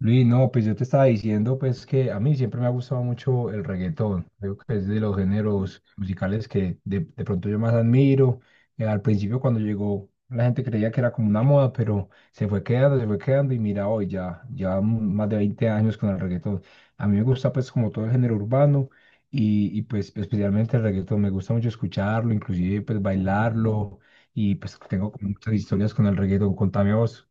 Luis, no, pues yo te estaba diciendo pues que a mí siempre me ha gustado mucho el reggaetón. Creo que es de los géneros musicales que de pronto yo más admiro. Al principio cuando llegó la gente creía que era como una moda, pero se fue quedando y mira hoy ya más de 20 años con el reggaetón. A mí me gusta pues como todo el género urbano y pues especialmente el reggaetón. Me gusta mucho escucharlo, inclusive pues bailarlo y pues tengo como muchas historias con el reggaetón. Contame vos.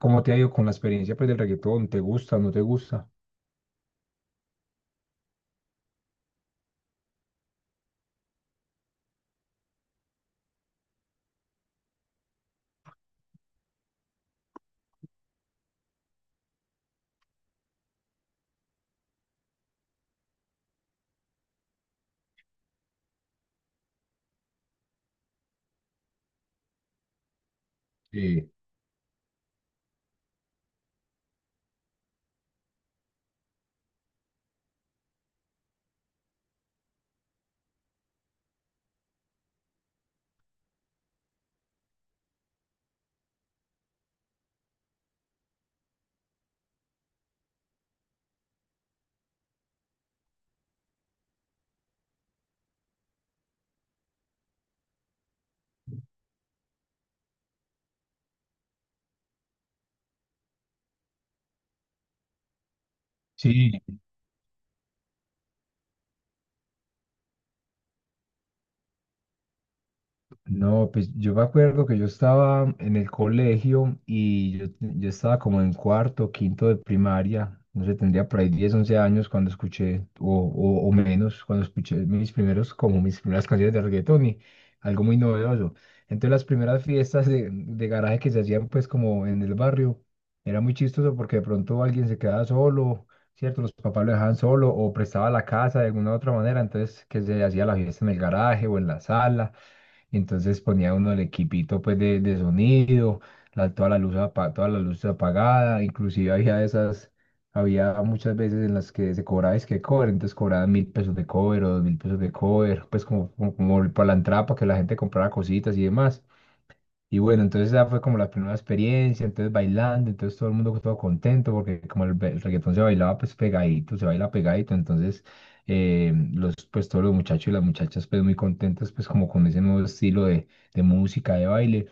¿Cómo te ha ido con la experiencia pues del reggaetón? ¿Te gusta, no te gusta? Sí, sí. No, pues yo me acuerdo que yo estaba en el colegio y yo estaba como en cuarto, quinto de primaria, no sé, tendría por ahí 10 11 años cuando escuché, o menos, cuando escuché mis primeros, como mis primeras canciones de reggaetón y algo muy novedoso. Entonces las primeras fiestas de garaje que se hacían pues como en el barrio, era muy chistoso porque de pronto alguien se quedaba solo, ¿cierto? Los papás lo dejaban solo o prestaba la casa de alguna u otra manera, entonces que se hacía la fiesta en el garaje o en la sala, entonces ponía uno el equipito pues de sonido, la, toda la luz apa- toda la luz apagada, inclusive había muchas veces en las que se cobraba es que cover, entonces cobraban 1.000 pesos de cover o 2.000 pesos de cover, pues como para la entrada para que la gente comprara cositas y demás. Y bueno, entonces esa fue como la primera experiencia, entonces bailando, entonces todo el mundo todo contento, porque como el el reggaetón se bailaba pues pegadito, se baila pegadito, entonces pues todos los muchachos y las muchachas pues muy contentos pues como con ese nuevo estilo de música, de baile,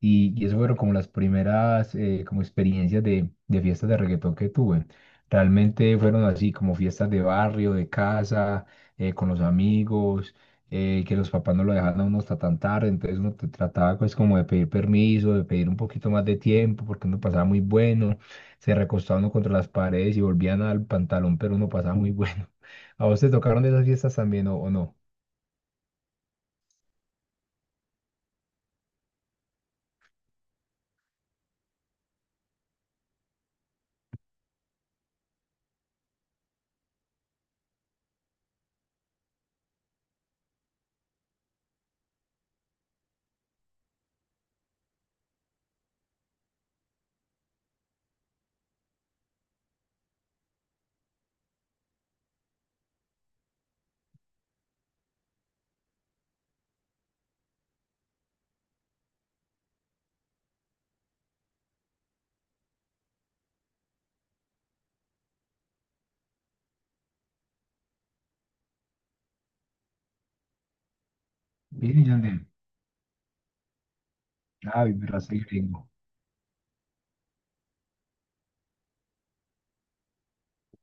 y eso fueron como las primeras como experiencias de fiestas de reggaetón que tuve. Realmente fueron así como fiestas de barrio, de casa, con los amigos, que los papás no lo dejaban a uno hasta tan tarde, entonces uno te trataba pues como de pedir permiso, de pedir un poquito más de tiempo, porque uno pasaba muy bueno, se recostaba uno contra las paredes y volvían al pantalón, pero uno pasaba muy bueno. ¿A vos te tocaron de esas fiestas también o no? Billy Yandel. Ah, mi raza y gringo.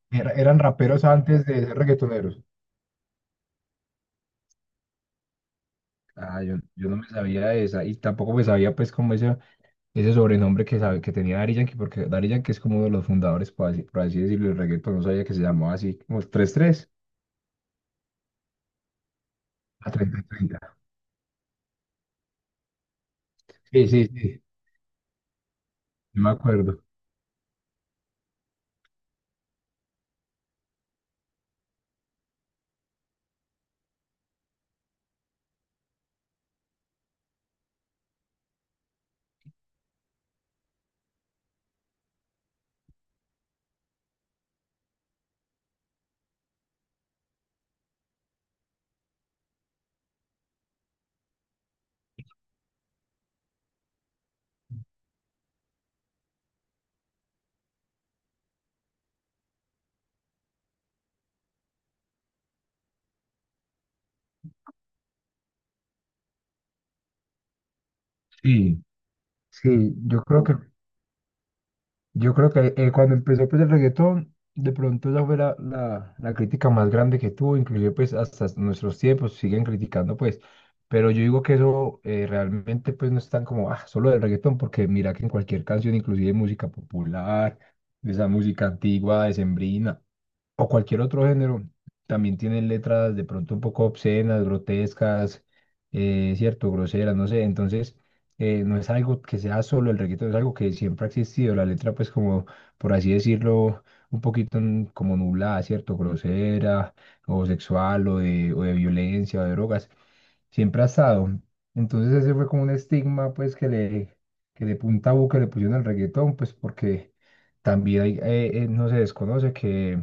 Era- eran raperos antes de ser reggaetoneros. Ah, yo no me sabía de esa y tampoco me sabía pues como ese ese sobrenombre que, sabe, que tenía Daddy Yankee, porque Daddy Yankee es como uno de los fundadores, por así decirlo, del reggaetón. No sabía que se llamaba así, como tres 3 a 30-30. Sí, sí, sí, yo me acuerdo. Sí, sí, yo creo que cuando empezó pues el reggaetón, de pronto esa fue la la crítica más grande que tuvo, inclusive pues hasta nuestros tiempos siguen criticando pues, pero yo digo que eso realmente pues no es tan como, ah, solo del reggaetón, porque mira que en cualquier canción, inclusive música popular, de esa música antigua, decembrina, o cualquier otro género, también tienen letras de pronto un poco obscenas, grotescas, cierto, groseras, no sé. Entonces, no es algo que sea solo el reggaetón, es algo que siempre ha existido. La letra, pues, como por así decirlo, un poquito como nublada, cierto, grosera, o sexual, o de violencia, o de drogas, siempre ha estado. Entonces, ese fue como un estigma, pues, que le, que de punta a boca le pusieron al reggaetón, pues, porque también hay, no se desconoce que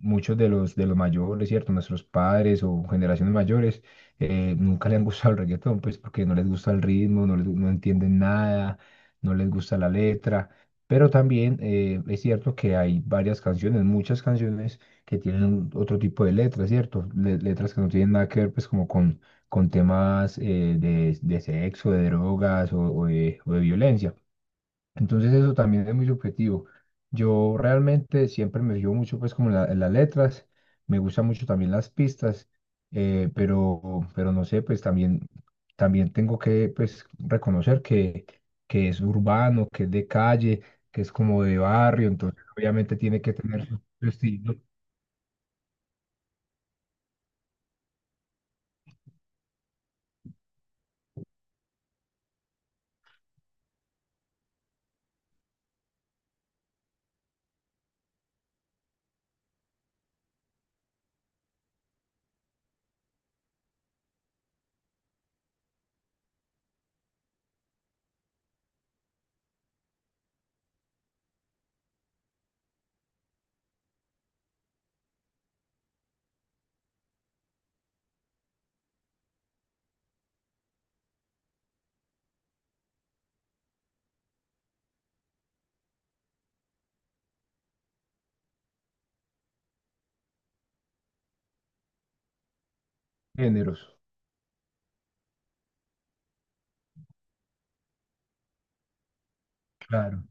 muchos de los mayores, ¿cierto? Nuestros padres o generaciones mayores nunca le han gustado el reggaetón, pues porque no les gusta el ritmo, no, no entienden nada, no les gusta la letra. Pero también es cierto que hay varias canciones, muchas canciones que tienen otro tipo de letras, ¿cierto? Letras que no tienen nada que ver, pues, como con temas de sexo, de drogas, o de violencia. Entonces eso también es muy subjetivo. Yo realmente siempre me fijo mucho pues como en las letras, me gustan mucho también las pistas, pero no sé, pues también, tengo que pues reconocer que es urbano, que es de calle, que es como de barrio, entonces obviamente tiene que tener su estilo, géneros. Claro,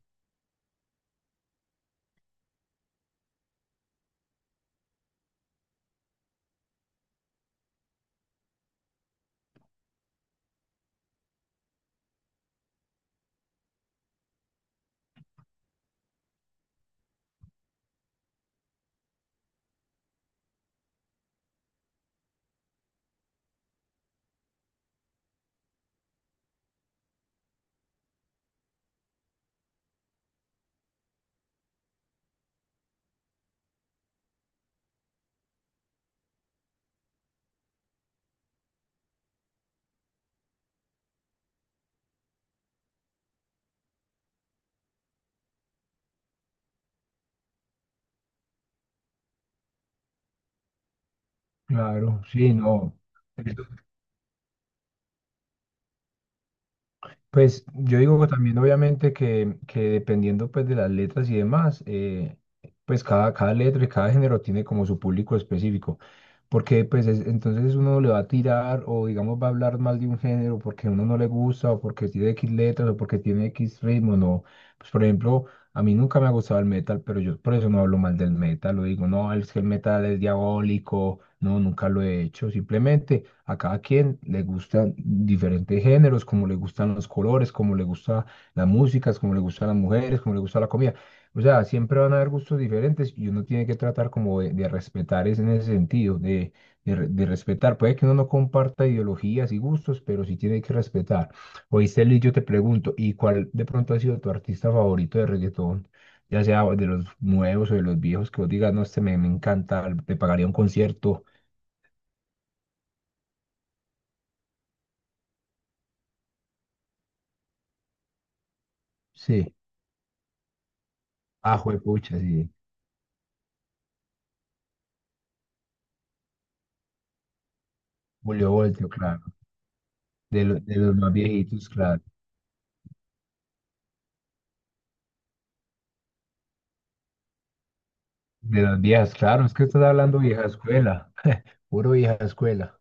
claro, sí, no. Pues yo digo que también obviamente que dependiendo pues de las letras y demás, pues cada letra y cada género tiene como su público específico, porque pues es, entonces uno le va a tirar, o digamos va a hablar mal de un género, porque a uno no le gusta o porque tiene X letras o porque tiene X ritmo, no. Pues por ejemplo, a mí nunca me ha gustado el metal, pero yo por eso no hablo mal del metal. Lo digo, no, es que el metal es diabólico. No, nunca lo he hecho. Simplemente a cada quien le gustan diferentes géneros, como le gustan los colores, como le gusta las músicas, como le gustan las mujeres, como le gusta la comida. O sea, siempre van a haber gustos diferentes y uno tiene que tratar como de respetar es en ese sentido, de respetar. Puede que uno no comparta ideologías y gustos, pero sí tiene que respetar. Oye, Celi, yo te pregunto, ¿y cuál de pronto ha sido tu artista favorito de reggaetón? Ya sea de los nuevos o de los viejos, que vos digas, no, este me encanta, te pagaría un concierto. Sí. Ah, juepucha, sí. Julio Voltio, claro. De, lo- de los más viejitos, claro. De las viejas, claro, es que estás hablando vieja escuela. Puro vieja escuela.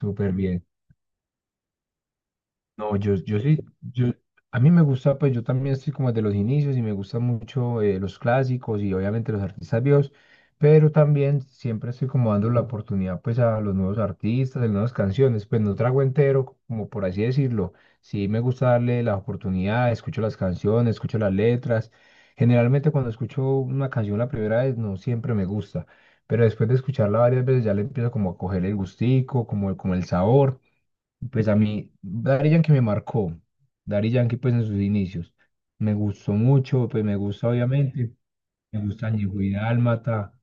Súper bien. No, yo sí, yo, a mí me gusta, pues yo también estoy como de los inicios y me gustan mucho los clásicos y obviamente los artistas viejos, pero también siempre estoy como dando la oportunidad pues a los nuevos artistas, a las nuevas canciones, pues no trago entero, como por así decirlo. Sí me gusta darle la oportunidad, escucho las canciones, escucho las letras. Generalmente cuando escucho una canción la primera vez no siempre me gusta, pero después de escucharla varias veces ya le empiezo como a coger el gustico, como, como el sabor. Pues a mí, Daddy Yankee me marcó. Daddy Yankee, pues en sus inicios. Me gustó mucho, pues me gusta obviamente. Me gusta Ñigüi Dálmata,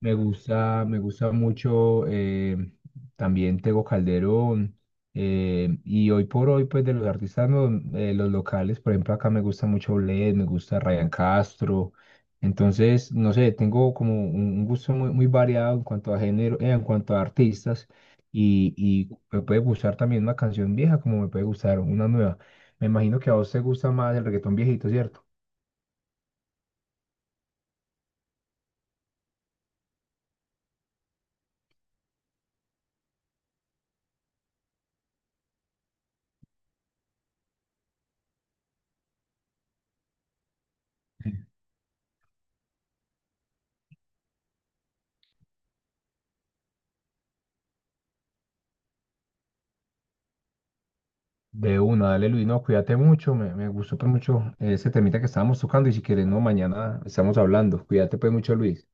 me gusta mucho también Tego Calderón. Y hoy por hoy, pues de los artistas los locales, por ejemplo, acá me gusta mucho Bled, me gusta Ryan Castro. Entonces, no sé, tengo como un gusto muy, muy variado en cuanto a género, en cuanto a artistas. Y me puede gustar también una canción vieja, como me puede gustar una nueva. Me imagino que a vos te gusta más el reggaetón viejito, ¿cierto? De una, dale Luis, no, cuídate mucho, me gustó pues mucho ese temita que estábamos tocando y si quieres, no, mañana estamos hablando, cuídate pues mucho Luis.